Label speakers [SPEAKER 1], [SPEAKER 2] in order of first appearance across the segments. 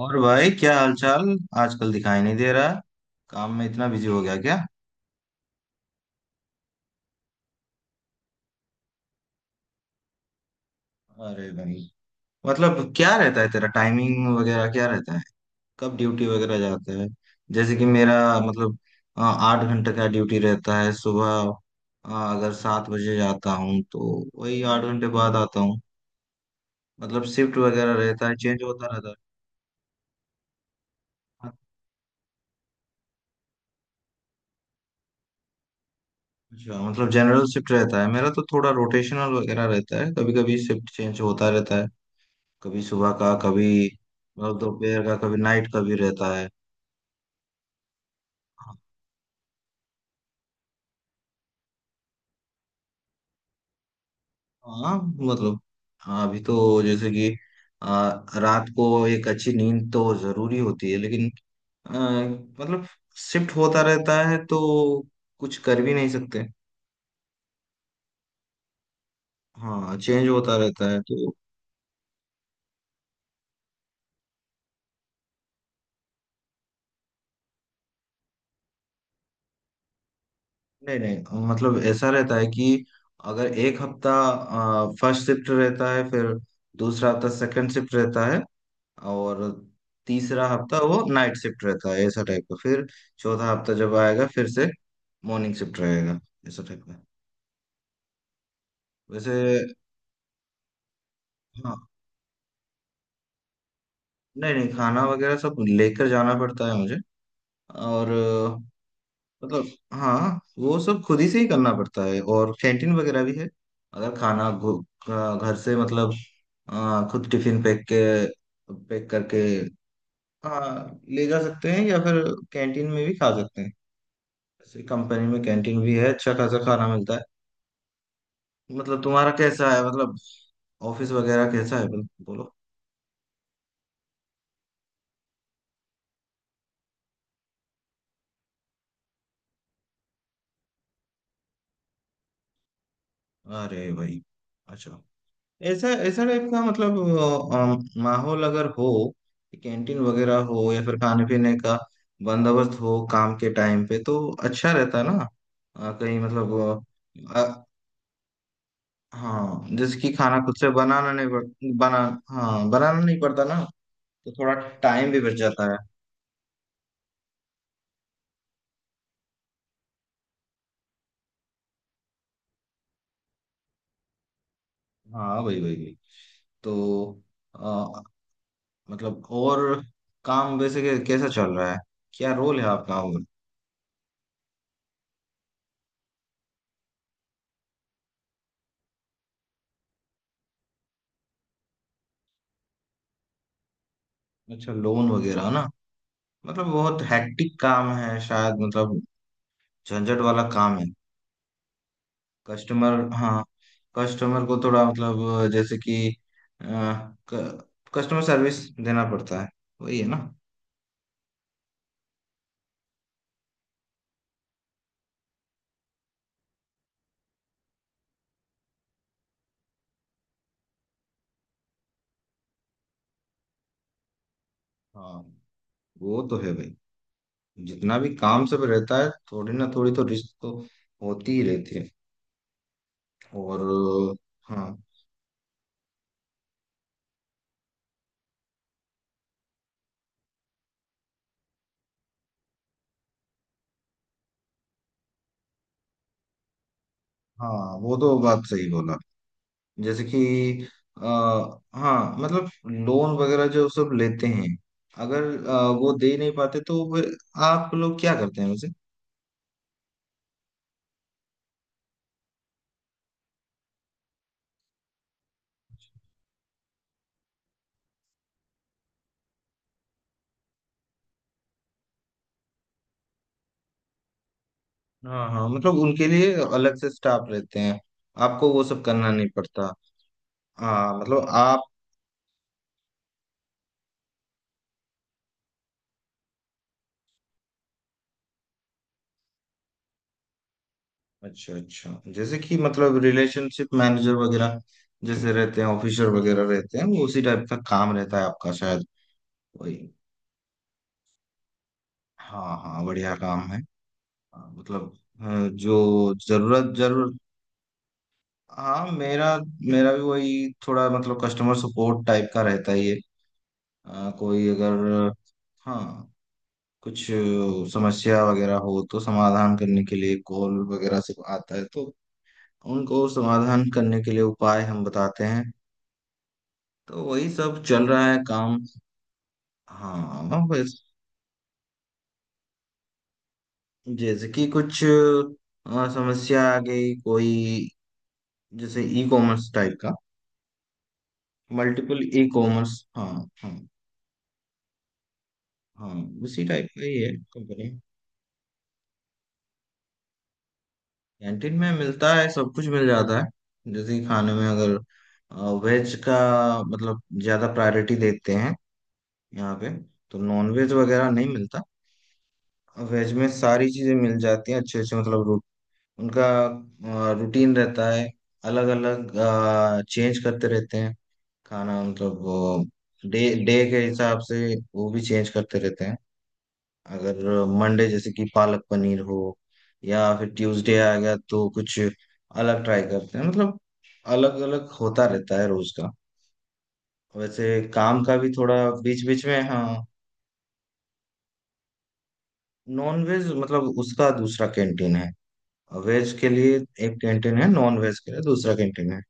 [SPEAKER 1] और भाई, क्या हालचाल? आजकल दिखाई नहीं दे रहा। काम में इतना बिजी हो गया क्या? अरे भाई, मतलब क्या रहता है तेरा? टाइमिंग वगैरह क्या रहता है? कब ड्यूटी वगैरह जाता है? जैसे कि मेरा, मतलब 8 घंटे का ड्यूटी रहता है सुबह। अ, अगर 7 बजे जाता हूँ तो वही 8 घंटे बाद आता हूँ। मतलब शिफ्ट वगैरह रहता है, चेंज होता रहता है। अच्छा, मतलब जनरल शिफ्ट रहता है। मेरा तो थोड़ा रोटेशनल वगैरह रहता है, कभी कभी शिफ्ट चेंज होता रहता है। कभी सुबह का, कभी मतलब दोपहर का, कभी नाइट का भी रहता है। हाँ मतलब, हाँ, अभी तो जैसे कि आ, रात को एक अच्छी नींद तो जरूरी होती है, लेकिन आ, मतलब शिफ्ट होता रहता है तो कुछ कर भी नहीं सकते। हाँ, चेंज होता रहता है तो। नहीं नहीं, मतलब ऐसा रहता है कि अगर एक हफ्ता फर्स्ट शिफ्ट रहता है, फिर दूसरा हफ्ता सेकंड शिफ्ट रहता है, और तीसरा हफ्ता वो नाइट शिफ्ट रहता है। ऐसा टाइप का फिर चौथा हफ्ता जब आएगा फिर से मॉर्निंग शिफ्ट रहेगा, ऐसा टाइप का। वैसे हाँ, नहीं नहीं, खाना वगैरह सब लेकर जाना पड़ता है मुझे। और मतलब हाँ, वो सब खुद ही से ही करना पड़ता है। और कैंटीन वगैरह भी है। अगर खाना घर से मतलब खुद टिफिन पैक के, पैक करके, हाँ, ले जा सकते हैं या फिर कैंटीन में भी खा सकते हैं। ऐसी कंपनी में कैंटीन भी है, अच्छा खासा खाना मिलता है। मतलब तुम्हारा कैसा है? मतलब ऑफिस वगैरह कैसा है, बोलो। अरे भाई, अच्छा। ऐसा ऐसा टाइप का मतलब माहौल अगर हो, कैंटीन वगैरह हो, या फिर खाने पीने का बंदोबस्त हो काम के टाइम पे तो अच्छा रहता ना। कहीं मतलब अ, अ, हाँ, जैसे कि खाना खुद से बनाना नहीं पड़ बना हाँ, बनाना नहीं पड़ता ना, तो थोड़ा टाइम भी बच जाता है। हाँ भाई भाई भाई। तो अ, मतलब और काम वैसे कैसा चल रहा है? क्या रोल है आपका? और अच्छा, लोन वगैरह ना। मतलब बहुत हैक्टिक काम है शायद, मतलब झंझट वाला काम है। कस्टमर, हाँ, कस्टमर को थोड़ा मतलब जैसे कि कस्टमर सर्विस देना पड़ता है, वही है ना। हाँ, वो तो है भाई, जितना भी काम सब रहता है थोड़ी ना थोड़ी तो रिस्क तो होती ही रहती है। और हाँ हाँ, वो तो बात सही बोला। जैसे कि आ, हाँ मतलब लोन वगैरह जो सब लेते हैं, अगर वो दे नहीं पाते तो आप लोग क्या करते हैं वैसे? हाँ हाँ, मतलब उनके लिए अलग से स्टाफ रहते हैं, आपको वो सब करना नहीं पड़ता। हाँ, मतलब आप, अच्छा अच्छा, जैसे कि मतलब रिलेशनशिप मैनेजर वगैरह जैसे रहते हैं, ऑफिसर वगैरह रहते हैं, वो उसी टाइप का काम रहता है आपका शायद, वही। हाँ हाँ, बढ़िया काम है। हाँ, मतलब अ, जो जरूरत जरूर। हाँ मेरा मेरा भी वही थोड़ा मतलब कस्टमर सपोर्ट टाइप का रहता ही है। कोई अगर, हाँ, कुछ समस्या वगैरह हो तो समाधान करने के लिए कॉल वगैरह से आता है, तो उनको समाधान करने के लिए उपाय हम बताते हैं। तो वही सब चल रहा है काम। हाँ। हाँ, बस जैसे कि कुछ समस्या आ गई कोई, जैसे ई कॉमर्स टाइप का, मल्टीपल ई कॉमर्स। हाँ। हाँ। हाँ, उसी टाइप का ही है कंपनी। कैंटीन में मिलता है, सब कुछ मिल जाता है। जैसे कि खाने में अगर वेज का मतलब ज्यादा प्रायोरिटी देते हैं यहाँ पे, तो नॉन वेज वगैरह नहीं मिलता। वेज में सारी चीजें मिल जाती हैं, अच्छे अच्छे। मतलब उनका रूटीन रहता है, अलग अलग चेंज करते रहते हैं खाना मतलब। डे, डे के हिसाब से वो भी चेंज करते रहते हैं। अगर मंडे जैसे कि पालक पनीर हो, या फिर ट्यूसडे आ गया तो कुछ अलग ट्राई करते हैं। मतलब अलग अलग होता रहता है रोज का। वैसे काम का भी थोड़ा बीच बीच में, हाँ, नॉन वेज मतलब उसका दूसरा कैंटीन है, वेज के लिए एक कैंटीन है, नॉन वेज के लिए दूसरा कैंटीन है।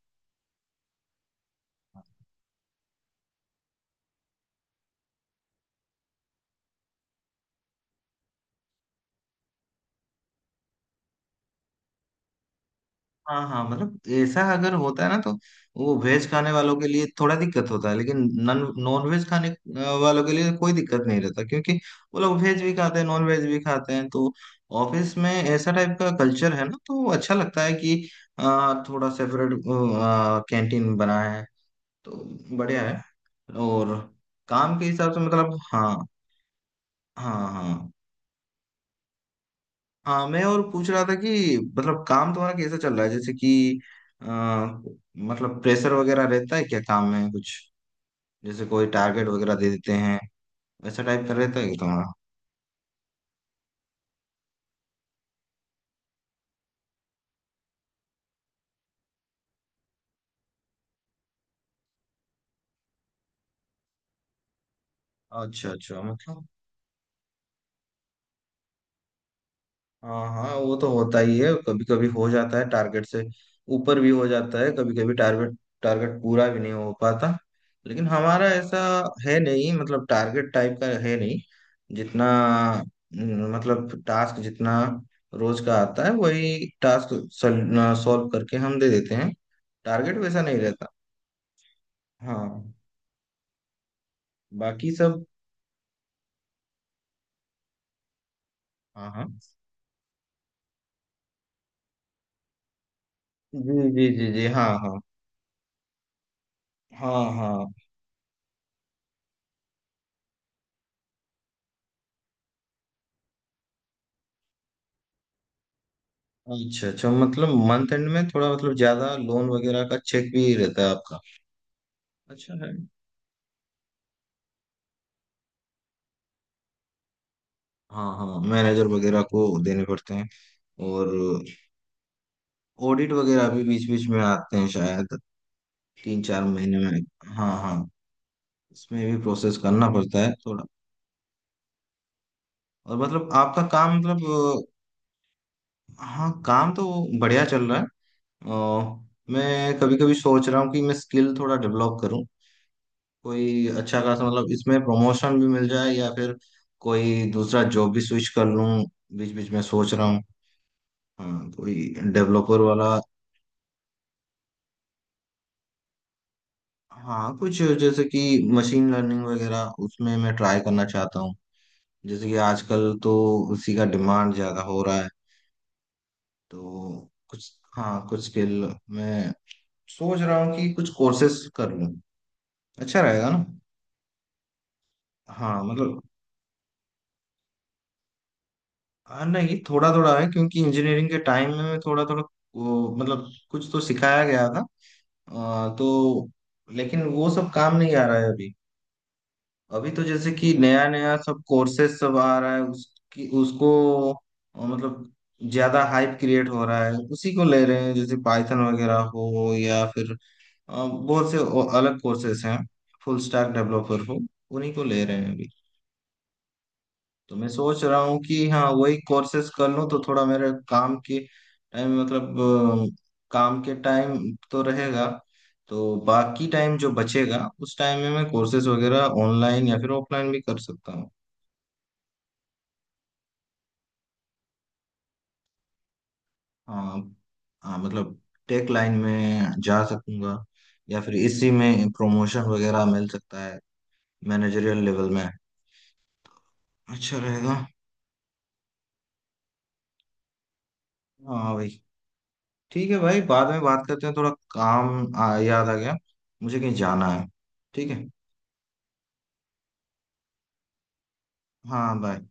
[SPEAKER 1] हाँ हाँ, मतलब ऐसा अगर होता है ना तो वो वेज खाने वालों के लिए थोड़ा दिक्कत होता है, लेकिन नॉन नॉन वेज खाने वालों के लिए कोई दिक्कत नहीं रहता, क्योंकि वो लोग वेज भी खाते हैं, नॉन वेज भी खाते हैं। तो ऑफिस में ऐसा टाइप का कल्चर है ना, तो अच्छा लगता है कि थोड़ा सेपरेट कैंटीन बना है तो बढ़िया है। और काम के हिसाब से मतलब, हाँ। हाँ हाँ हाँ। मैं और पूछ रहा था कि मतलब काम तुम्हारा कैसा चल रहा है? जैसे कि अ, मतलब प्रेशर वगैरह रहता है क्या काम में कुछ? जैसे कोई टारगेट वगैरह दे देते हैं, वैसा टाइप का रहता है क्या तुम्हारा? अच्छा अच्छा, मतलब हाँ हाँ, वो तो होता ही है, कभी कभी हो जाता है टारगेट से ऊपर भी हो जाता है। कभी कभी टारगेट, टारगेट पूरा भी नहीं हो पाता। लेकिन हमारा ऐसा है नहीं, मतलब टारगेट टाइप का है नहीं। जितना न, मतलब टास्क जितना रोज का आता है, वही टास्क सॉल्व करके हम दे देते हैं, टारगेट वैसा नहीं रहता। हाँ, बाकी सब। हाँ हाँ, जी जी जी जी, हाँ हाँ। हाँ हाँ। अच्छा अच्छा, मतलब मंथ एंड में थोड़ा मतलब ज्यादा लोन वगैरह का चेक भी रहता है आपका। अच्छा है। हाँ हाँ, मैनेजर वगैरह को देने पड़ते हैं। और ऑडिट वगैरह भी बीच बीच में आते हैं शायद, 3 4 महीने में। हाँ हाँ, इसमें भी प्रोसेस करना पड़ता है थोड़ा। और मतलब आपका काम मतलब हाँ, काम तो बढ़िया चल रहा है। अ, मैं कभी कभी सोच रहा हूँ कि मैं स्किल थोड़ा डेवलप करूँ। कोई अच्छा खासा मतलब इसमें प्रमोशन भी मिल जाए या फिर कोई दूसरा जॉब भी स्विच कर लूं। बीच बीच में सोच रहा हूँ, हाँ कोई डेवलपर वाला। हाँ कुछ जैसे कि मशीन लर्निंग वगैरह, उसमें मैं ट्राई करना चाहता हूँ। जैसे कि आजकल तो उसी का डिमांड ज्यादा हो रहा है। तो कुछ, हाँ कुछ स्किल मैं सोच रहा हूँ कि कुछ कोर्सेस कर लूँ, अच्छा रहेगा ना। हाँ मतलब, हाँ, नहीं, थोड़ा थोड़ा है क्योंकि इंजीनियरिंग के टाइम में थोड़ा थोड़ा वो मतलब कुछ तो सिखाया गया था। तो लेकिन वो सब काम नहीं आ रहा है अभी। अभी तो जैसे कि नया नया सब कोर्सेज सब आ रहा है, उसकी उसको मतलब ज्यादा हाइप क्रिएट हो रहा है, उसी को ले रहे हैं, जैसे पाइथन वगैरह हो या फिर बहुत से और अलग कोर्सेज हैं, फुल स्टैक डेवलपर हो, उन्हीं को ले रहे हैं अभी। तो मैं सोच रहा हूँ कि हाँ वही कोर्सेस कर लूँ तो थोड़ा मेरे काम के टाइम, मतलब काम के टाइम तो रहेगा, तो बाकी टाइम जो बचेगा उस टाइम में मैं कोर्सेज वगैरह ऑनलाइन या फिर ऑफलाइन भी कर सकता हूँ। हाँ हाँ, मतलब टेक लाइन में जा सकूंगा या फिर इसी में प्रमोशन वगैरह मिल सकता है, मैनेजरियल लेवल में। अच्छा रहेगा। हाँ भाई, ठीक है भाई, बाद में बात करते हैं, थोड़ा काम याद आ गया, मुझे कहीं जाना है। ठीक है। हाँ, बाय।